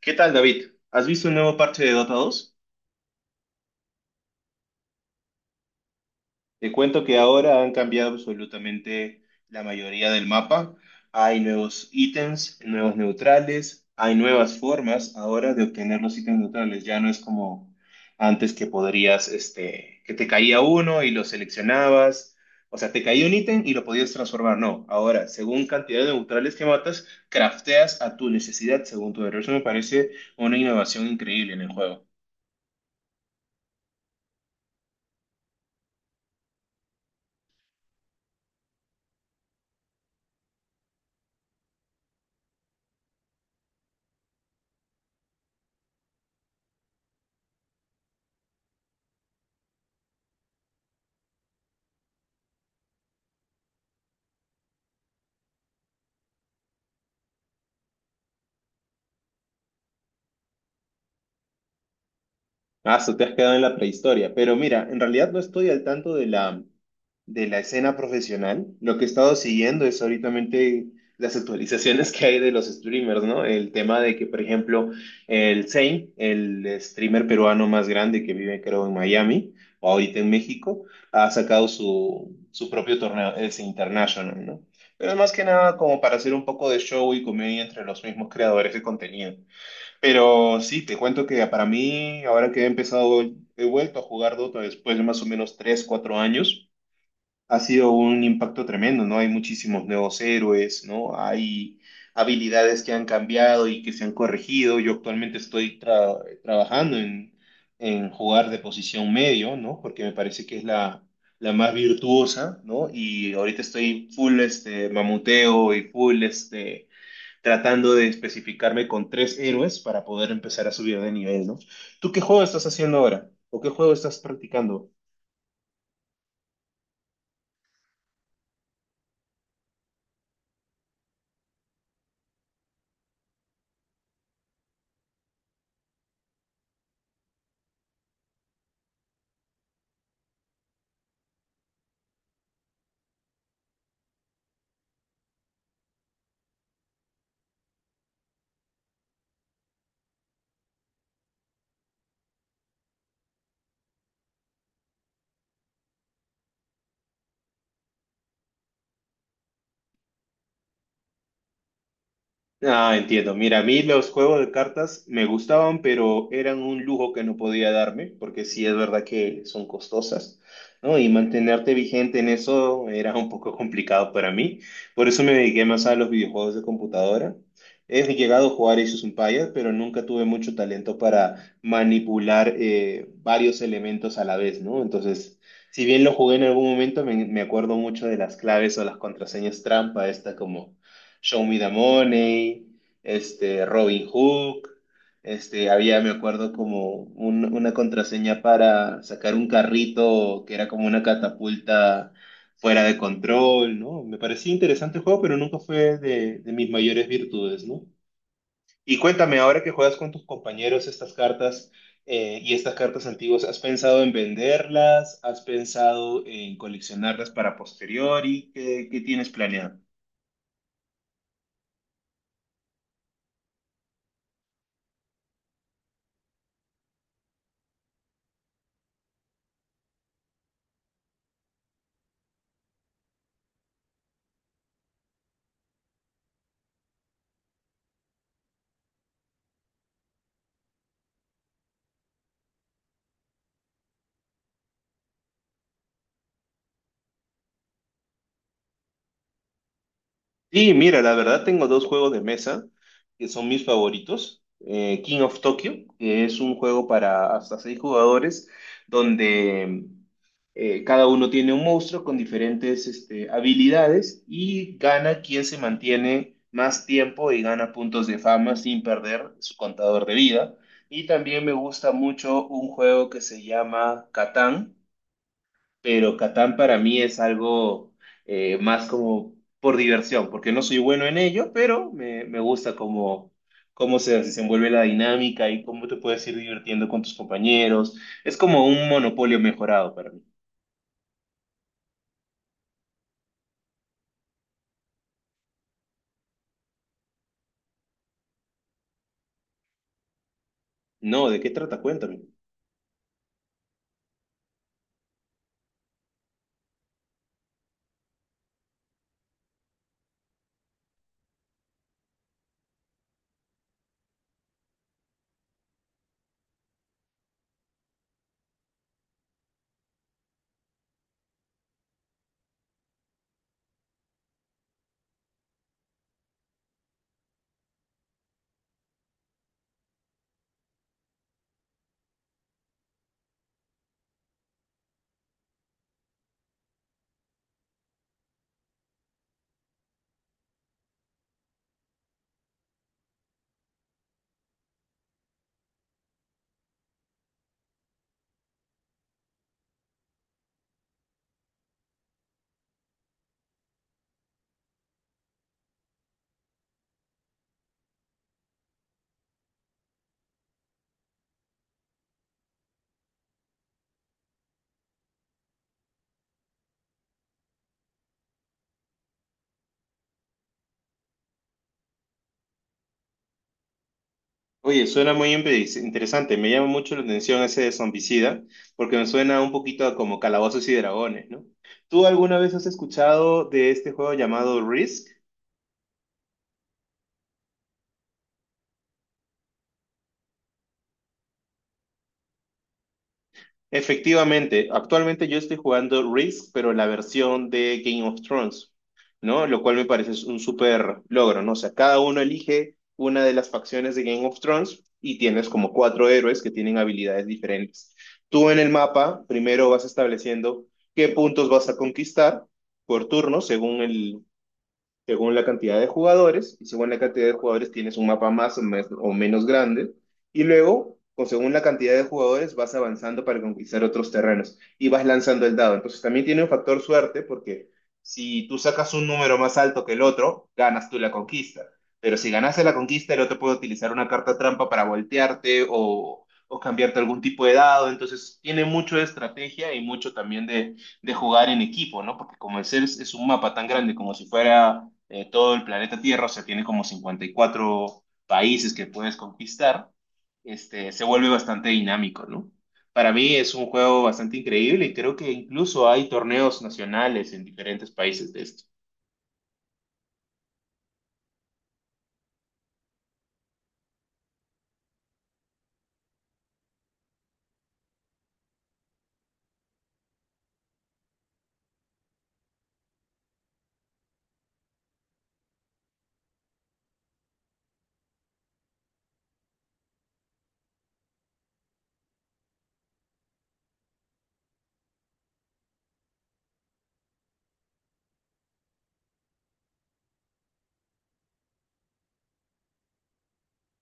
¿Qué tal, David? ¿Has visto el nuevo parche de Dota 2? Te cuento que ahora han cambiado absolutamente la mayoría del mapa. Hay nuevos ítems, nuevos neutrales, hay nuevas formas ahora de obtener los ítems neutrales. Ya no es como antes que podrías, que te caía uno y lo seleccionabas. O sea, te caía un ítem y lo podías transformar. No, ahora, según cantidad de neutrales que matas, crafteas a tu necesidad según tu héroe. Eso me parece una innovación increíble en el juego. Ah, te has quedado en la prehistoria. Pero mira, en realidad no estoy al tanto de la escena profesional. Lo que he estado siguiendo es ahorita las actualizaciones que hay de los streamers, ¿no? El tema de que, por ejemplo, el Zayn, el streamer peruano más grande que vive, creo, en Miami, o ahorita en México, ha sacado su propio torneo, ese International, ¿no? Pero más que nada como para hacer un poco de show y comedia entre los mismos creadores de contenido. Pero sí, te cuento que para mí, ahora que he empezado, he vuelto a jugar Dota después de más o menos 3 4 años, ha sido un impacto tremendo, ¿no? Hay muchísimos nuevos héroes, ¿no? Hay habilidades que han cambiado y que se han corregido. Yo actualmente estoy trabajando en jugar de posición medio, ¿no? Porque me parece que es la más virtuosa, ¿no? Y ahorita estoy full mamuteo y full tratando de especificarme con tres héroes para poder empezar a subir de nivel, ¿no? ¿Tú qué juego estás haciendo ahora? ¿O qué juego estás practicando? Ah, entiendo. Mira, a mí los juegos de cartas me gustaban, pero eran un lujo que no podía darme, porque sí es verdad que son costosas, ¿no? Y mantenerte vigente en eso era un poco complicado para mí. Por eso me dediqué más a los videojuegos de computadora. He llegado a jugar Age of Empires, pero nunca tuve mucho talento para manipular varios elementos a la vez, ¿no? Entonces, si bien lo jugué en algún momento, me acuerdo mucho de las claves o las contraseñas trampa, esta como Show Me the Money, Robin Hood, había, me acuerdo, como una contraseña para sacar un carrito que era como una catapulta fuera de control, ¿no? Me parecía interesante el juego, pero nunca fue de mis mayores virtudes, ¿no? Y cuéntame, ahora que juegas con tus compañeros estas cartas y estas cartas antiguas, ¿has pensado en venderlas? ¿Has pensado en coleccionarlas para posteriori? ¿Qué tienes planeado? Sí, mira, la verdad tengo dos juegos de mesa que son mis favoritos. King of Tokyo, que es un juego para hasta seis jugadores, donde cada uno tiene un monstruo con diferentes habilidades y gana quien se mantiene más tiempo y gana puntos de fama sin perder su contador de vida. Y también me gusta mucho un juego que se llama Catán, pero Catán para mí es algo más como por diversión, porque no soy bueno en ello, pero me gusta cómo se desenvuelve la dinámica y cómo te puedes ir divirtiendo con tus compañeros. Es como un monopolio mejorado para mí. No, ¿de qué trata? Cuéntame. Oye, suena muy interesante. Me llama mucho la atención ese de zombicida, porque me suena un poquito a como calabozos y dragones, ¿no? ¿Tú alguna vez has escuchado de este juego llamado Risk? Efectivamente, actualmente yo estoy jugando Risk, pero la versión de Game of Thrones, ¿no? Lo cual me parece un súper logro, ¿no? O sea, cada uno elige una de las facciones de Game of Thrones y tienes como cuatro héroes que tienen habilidades diferentes. Tú en el mapa primero vas estableciendo qué puntos vas a conquistar por turno según según la cantidad de jugadores, y según la cantidad de jugadores tienes un mapa más o menos grande, y luego, con según la cantidad de jugadores, vas avanzando para conquistar otros terrenos y vas lanzando el dado. Entonces también tiene un factor suerte porque si tú sacas un número más alto que el otro, ganas tú la conquista. Pero si ganaste la conquista, el otro puede utilizar una carta trampa para voltearte o cambiarte algún tipo de dado. Entonces tiene mucho de estrategia y mucho también de jugar en equipo, ¿no? Porque como el CERS es un mapa tan grande como si fuera todo el planeta Tierra, o sea, tiene como 54 países que puedes conquistar, se vuelve bastante dinámico, ¿no? Para mí es un juego bastante increíble y creo que incluso hay torneos nacionales en diferentes países de esto.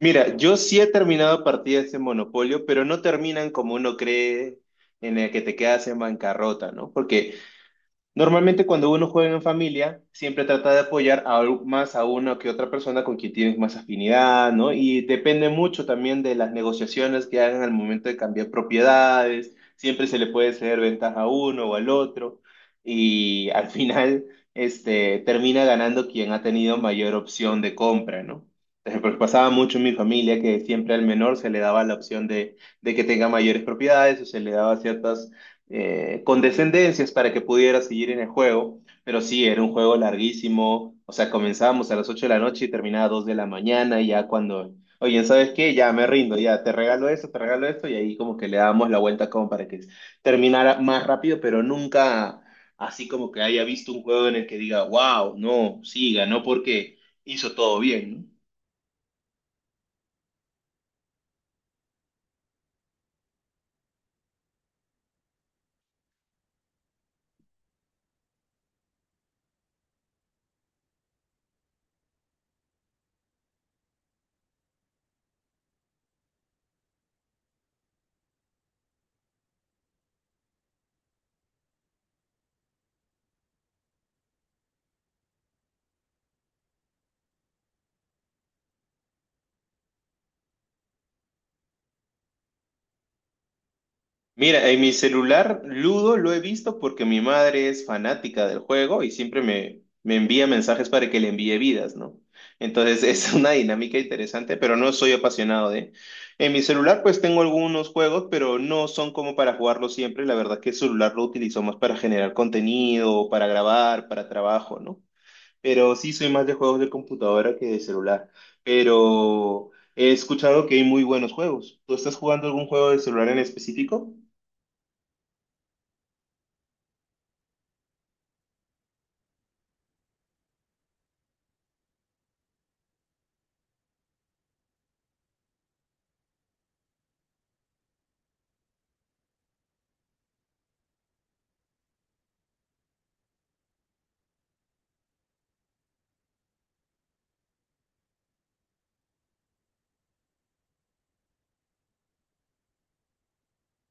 Mira, yo sí he terminado partidas en Monopolio, pero no terminan como uno cree en el que te quedas en bancarrota, ¿no? Porque normalmente cuando uno juega en familia, siempre trata de apoyar más a una que otra persona con quien tienes más afinidad, ¿no? Y depende mucho también de las negociaciones que hagan al momento de cambiar propiedades. Siempre se le puede ceder ventaja a uno o al otro. Y al final, termina ganando quien ha tenido mayor opción de compra, ¿no? Entonces, porque pasaba mucho en mi familia que siempre al menor se le daba la opción de que tenga mayores propiedades o se le daba ciertas condescendencias para que pudiera seguir en el juego, pero sí, era un juego larguísimo, o sea, comenzábamos a las 8 de la noche y terminaba a 2 de la mañana y ya cuando, oye, ¿sabes qué? Ya me rindo, ya te regalo esto y ahí como que le dábamos la vuelta como para que terminara más rápido, pero nunca así como que haya visto un juego en el que diga, wow, no, sí, ganó porque hizo todo bien, ¿no? Mira, en mi celular Ludo lo he visto porque mi madre es fanática del juego y siempre me envía mensajes para que le envíe vidas, ¿no? Entonces es una dinámica interesante, pero no soy apasionado de... En mi celular pues tengo algunos juegos, pero no son como para jugarlo siempre. La verdad que el celular lo utilizo más para generar contenido, para grabar, para trabajo, ¿no? Pero sí soy más de juegos de computadora que de celular. Pero he escuchado que hay muy buenos juegos. ¿Tú estás jugando algún juego de celular en específico?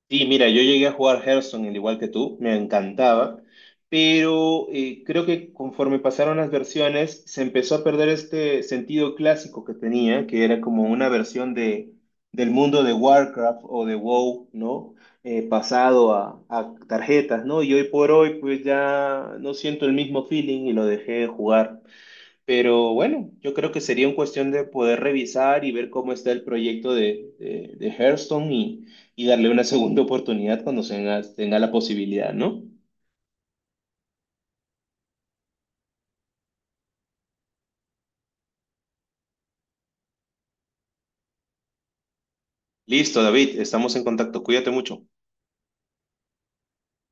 Sí, mira, yo llegué a jugar Hearthstone al igual que tú, me encantaba, pero creo que conforme pasaron las versiones se empezó a perder este sentido clásico que tenía, que era como una versión del mundo de Warcraft o de WoW, ¿no? Pasado a tarjetas, ¿no? Y hoy por hoy pues ya no siento el mismo feeling y lo dejé de jugar. Pero bueno, yo creo que sería una cuestión de poder revisar y ver cómo está el proyecto de Hearthstone y darle una segunda oportunidad cuando se tenga la posibilidad, ¿no? Listo, David, estamos en contacto. Cuídate mucho.